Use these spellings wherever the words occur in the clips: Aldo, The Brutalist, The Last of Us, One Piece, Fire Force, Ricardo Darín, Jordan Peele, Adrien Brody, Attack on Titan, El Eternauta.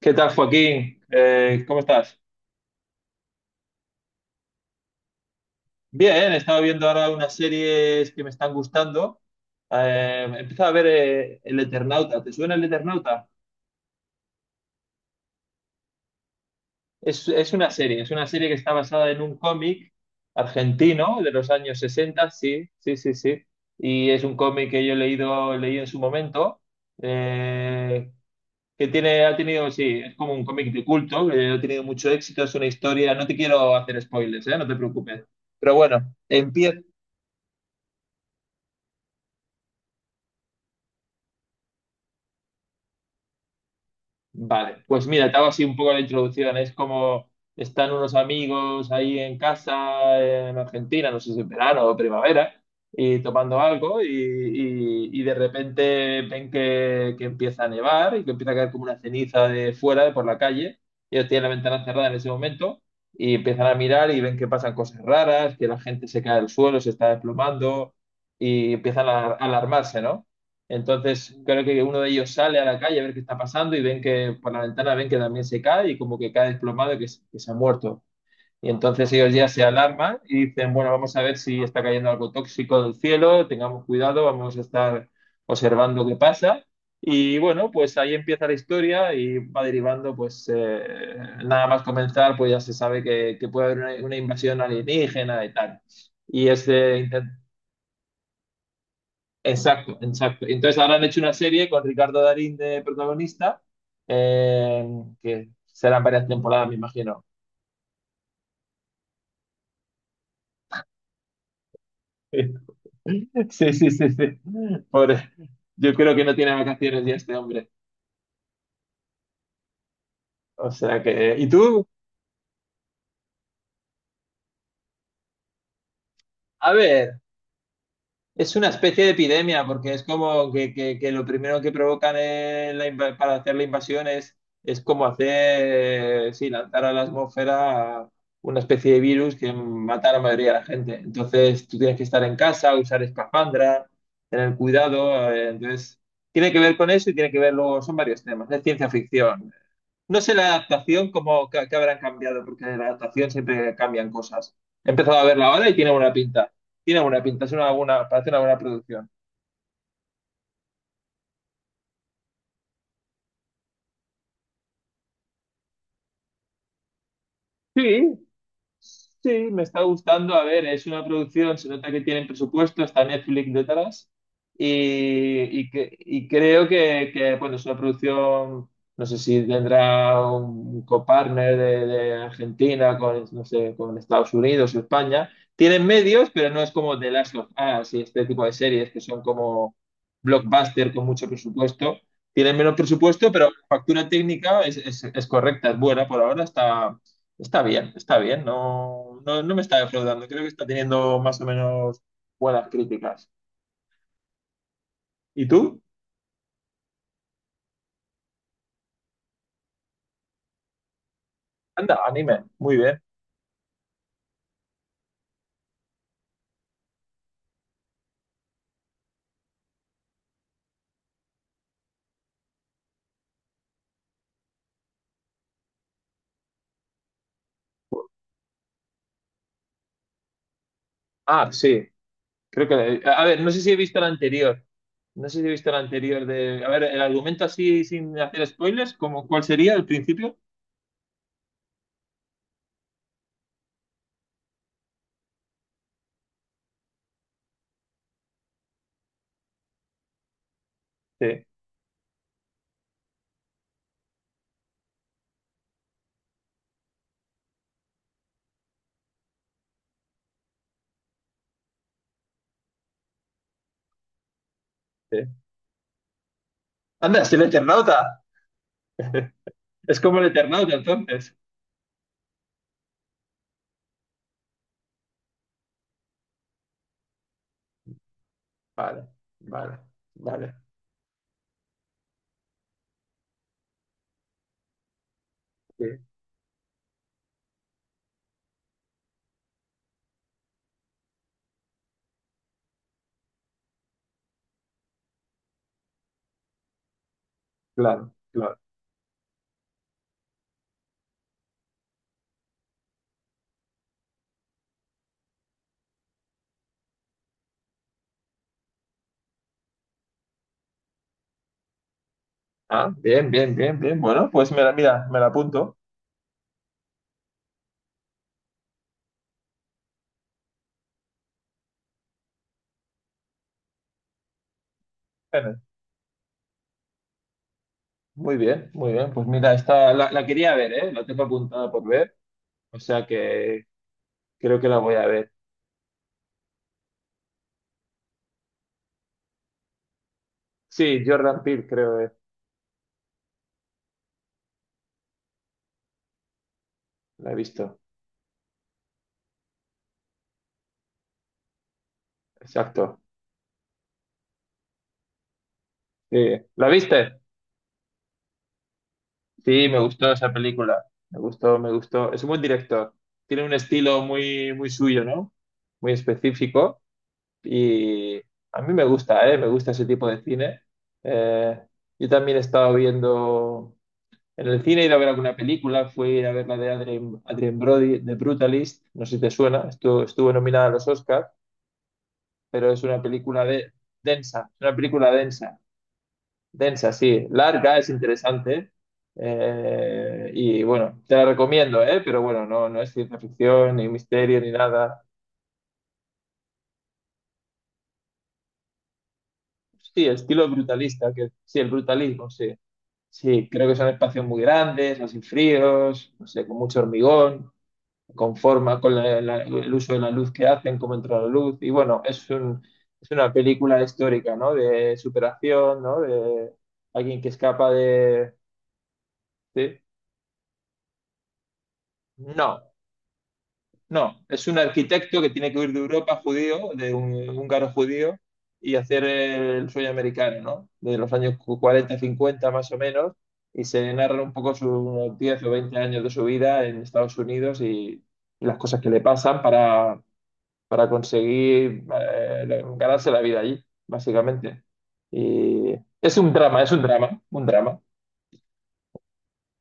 ¿Qué tal, Joaquín? ¿Cómo estás? Bien, he estado viendo ahora unas series que me están gustando. He empezado a ver El Eternauta. ¿Te suena El Eternauta? Es una serie, es una serie que está basada en un cómic argentino de los años 60. Sí, sí, sí, sí. Y es un cómic que yo he leído, leí en su momento, eh, que tiene, ha tenido, sí, es como un cómic de culto, que ha tenido mucho éxito, es una historia, no te quiero hacer spoilers, no te preocupes. Pero bueno, empieza. Vale, pues mira, te hago así un poco la introducción. Es como están unos amigos ahí en casa, en Argentina, no sé si en verano o primavera, y tomando algo y de repente ven que empieza a nevar y que empieza a caer como una ceniza de fuera, de por la calle. Ellos tienen la ventana cerrada en ese momento y empiezan a mirar y ven que pasan cosas raras, que la gente se cae al suelo, se está desplomando y empiezan a alarmarse, ¿no? Entonces, creo que uno de ellos sale a la calle a ver qué está pasando y ven que por la ventana ven que también se cae y como que cae desplomado y que, que se ha muerto. Y entonces ellos ya se alarman y dicen, bueno, vamos a ver si está cayendo algo tóxico del cielo, tengamos cuidado, vamos a estar observando qué pasa. Y bueno, pues ahí empieza la historia y va derivando, nada más comenzar, pues ya se sabe que puede haber una invasión alienígena y tal. Y es de. Exacto, exacto. Entonces ahora han hecho una serie con Ricardo Darín de protagonista, eh, que serán varias temporadas, me imagino. Sí, sí, sí, sí. Pobre. Yo creo que no tiene vacaciones ya este hombre. O sea que... ¿Y tú? A ver, es una especie de epidemia, porque es como que, que lo primero que provocan en la inva- para hacer la invasión es como hacer, sí, lanzar a la atmósfera una especie de virus que mata a la mayoría de la gente. Entonces tú tienes que estar en casa, usar espafandra, tener cuidado. Entonces tiene que ver con eso y tiene que ver luego, son varios temas, es ciencia ficción. No sé la adaptación, cómo que, habrán cambiado, porque en la adaptación siempre cambian cosas. He empezado a verla ahora y tiene buena pinta. Tiene buena pinta, es una buena, parece una buena producción. Sí, sí, me está gustando. A ver, es una producción, se nota que tienen presupuesto, está Netflix detrás. Y creo que, bueno, es una producción, no sé si tendrá un copartner de Argentina con, no sé, con Estados Unidos o España. Tienen medios, pero no es como The Last of Us y este tipo de series que son como blockbuster con mucho presupuesto. Tienen menos presupuesto, pero la factura técnica es correcta, es buena por ahora, está. Está bien, no, no, no me está defraudando, creo que está teniendo más o menos buenas críticas. ¿Y tú? Anda, anime, muy bien. Ah, sí, creo que... A ver, no sé si he visto el anterior, no sé si he visto el anterior de... A ver, el argumento así sin hacer spoilers, ¿cómo cuál sería el principio? Sí, sí. Anda, es el Eternauta, es como el Eternauta entonces. Vale, vale, vale, sí, claro, claro. Ah, bien, bien, bien, bien, bueno, pues me la, mira, me la apunto. Bueno, muy bien, muy bien. Pues mira, esta la, la quería ver, ¿eh? La tengo apuntada por ver, o sea que creo que la voy a ver. Sí, Jordan Peele, creo, La he visto. Exacto. Sí. ¿La viste? Sí, me gustó esa película. Me gustó, me gustó. Es un buen director. Tiene un estilo muy, muy suyo, ¿no? Muy específico. Y a mí me gusta, ¿eh? Me gusta ese tipo de cine. Eh, yo también he estado viendo. En el cine he ido a ver alguna película, fui a ver la de Adrien Brody, The Brutalist, no sé si te suena, estuvo, estuvo nominada a los Oscars, pero es una película de, densa, es una película densa, densa, sí, larga, es interesante, y bueno, te la recomiendo, ¿eh? Pero bueno, no, no es ciencia ficción, ni misterio, ni nada. Sí, estilo brutalista, que sí, el brutalismo, sí. Sí, creo que son espacios muy grandes, así fríos, no sé, con mucho hormigón. Conforma con el uso de la luz que hacen, cómo entra la luz. Y bueno, es una película histórica, ¿no? De superación, ¿no? De alguien que escapa de. de- No, no. Es un arquitecto que tiene que huir de Europa judío, de un húngaro judío, y hacer el sueño americano, ¿no? De los años 40, 50 más o menos. Y se narra un poco sus 10 o 20 años de su vida en Estados Unidos y las cosas que le pasan para conseguir ganarse la vida allí, básicamente. Y es un drama, un drama.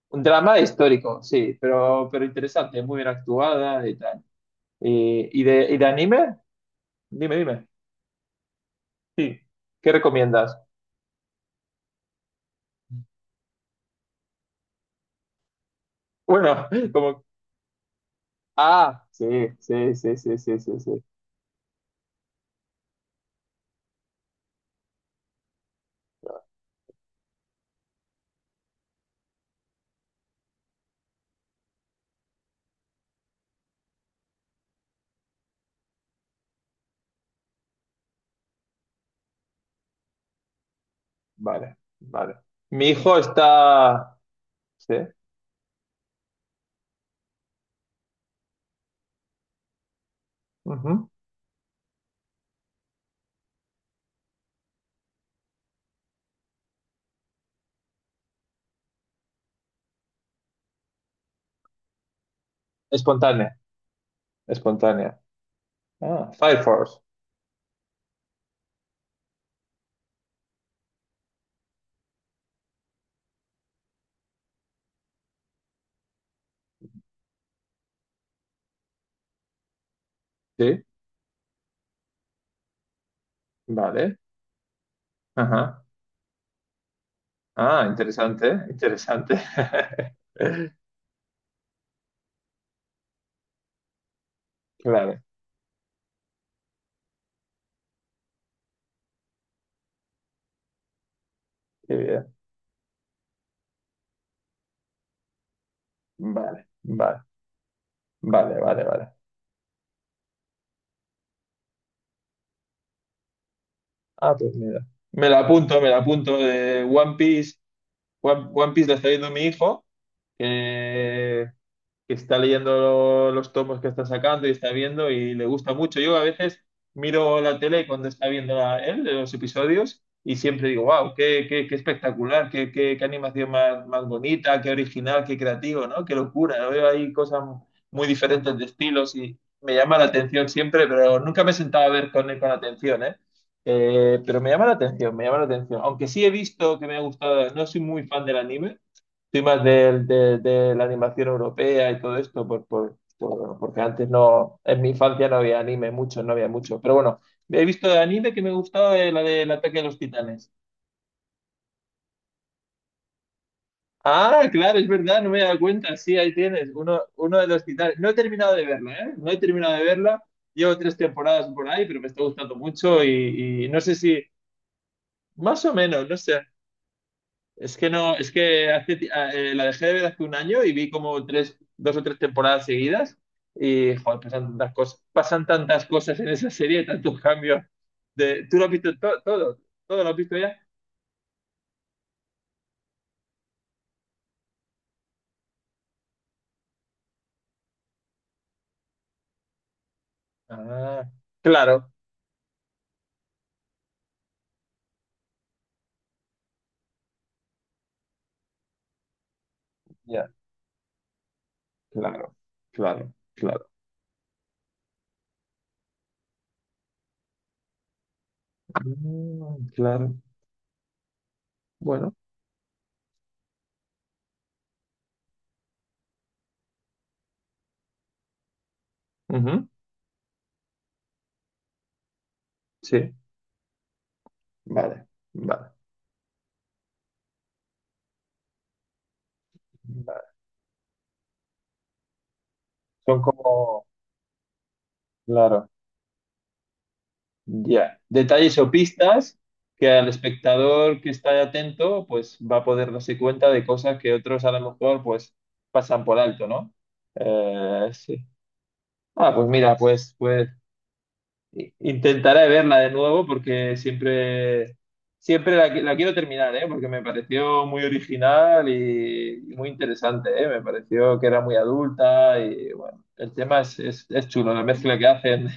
Un drama histórico, sí, pero interesante, muy bien actuada y tal. ¿Y de anime? Dime, dime. Sí. ¿Qué recomiendas? Bueno, como... Ah, sí, sí, sí, sí, sí, sí, sí. Vale, vale. Mi hijo está... Sí. Ujú. Espontánea, espontánea. Ah, Fire Force. Sí, vale. Ajá. Ah, interesante, ¿eh? Interesante. Claro, qué bien. Vale, vale, vale, vale, vale. Ah, pues mira. Me la apunto, me la apunto. One Piece, One Piece le está viendo mi hijo, que está leyendo los tomos que está sacando y está viendo y le gusta mucho. Yo a veces miro la tele cuando está viendo él los episodios y siempre digo, wow, qué espectacular, qué animación más bonita, qué original, qué creativo, ¿no? Qué locura. Veo ahí cosas muy diferentes de estilos y me llama la atención siempre, pero nunca me he sentado a ver con él con atención, ¿eh? Pero me llama la atención, me llama la atención. Aunque sí he visto que me ha gustado, no soy muy fan del anime, soy más de la animación europea y todo esto, porque antes no, en mi infancia no había anime mucho, no había mucho. Pero bueno, he visto de anime que me gustaba la del ataque de los titanes. Ah, claro, es verdad, no me he dado cuenta. Sí, ahí tienes, uno de los titanes. No he terminado de verla, ¿eh? No he terminado de verla. Llevo tres temporadas por ahí, pero me está gustando mucho y no sé si, más o menos, no sé. Es que no, es que la dejé de ver hace un año y vi como tres, dos o tres temporadas seguidas y joder, pasan tantas cosas en esa serie, tantos cambios. ¿Tú lo has visto todo? ¿Todo lo has visto ya? Ah, claro, ya, claro, claro, claro. Mm, claro, bueno, ujú, sí, vale, vale, vale. Son como, claro. Ya, detalles o pistas que al espectador que está atento, pues va a poder darse cuenta de cosas que otros a lo mejor pues pasan por alto, ¿no? Sí. Ah, pues mira, pues, pues intentaré verla de nuevo porque siempre, siempre la quiero terminar, ¿eh? Porque me pareció muy original y muy interesante, ¿eh? Me pareció que era muy adulta y bueno, el tema es chulo, la mezcla que hacen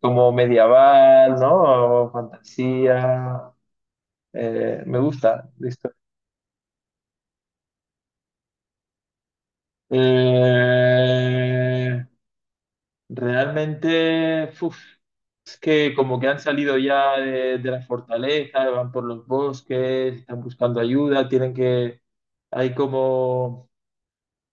como medieval, ¿no? O fantasía. Me gusta, listo. Eh, Realmente, uf, es que como que han salido ya de la fortaleza, van por los bosques, están buscando ayuda, tienen que, hay como.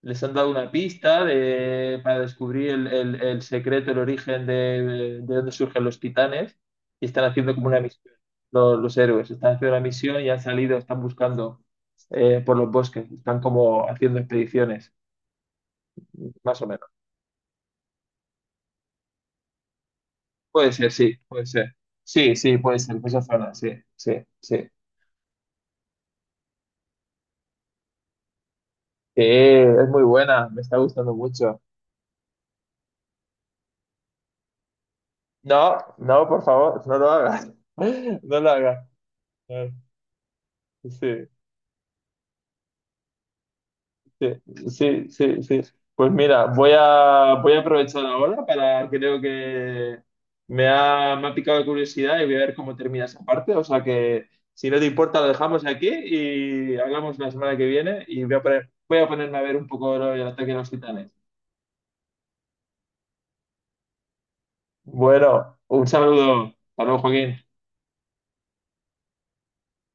Les han dado una pista para descubrir el, el secreto, el origen de dónde surgen los titanes y están haciendo como una misión. Los héroes están haciendo una misión y han salido, están buscando por los bosques, están como haciendo expediciones, más o menos. Puede ser. Sí, sí, puede ser, esa zona, sí, sí, sí. Sí, es muy buena, me está gustando mucho. No, no, por favor, no lo hagas. No lo hagas. Sí. Sí, sí, sí, sí. Pues mira, voy a aprovechar ahora para, creo que me ha picado la curiosidad y voy a ver cómo termina esa parte. O sea que si no te importa, lo dejamos aquí y hablamos la semana que viene y voy a ponerme a ver un poco el ataque de los titanes. Bueno, un saludo. Hasta luego, Joaquín.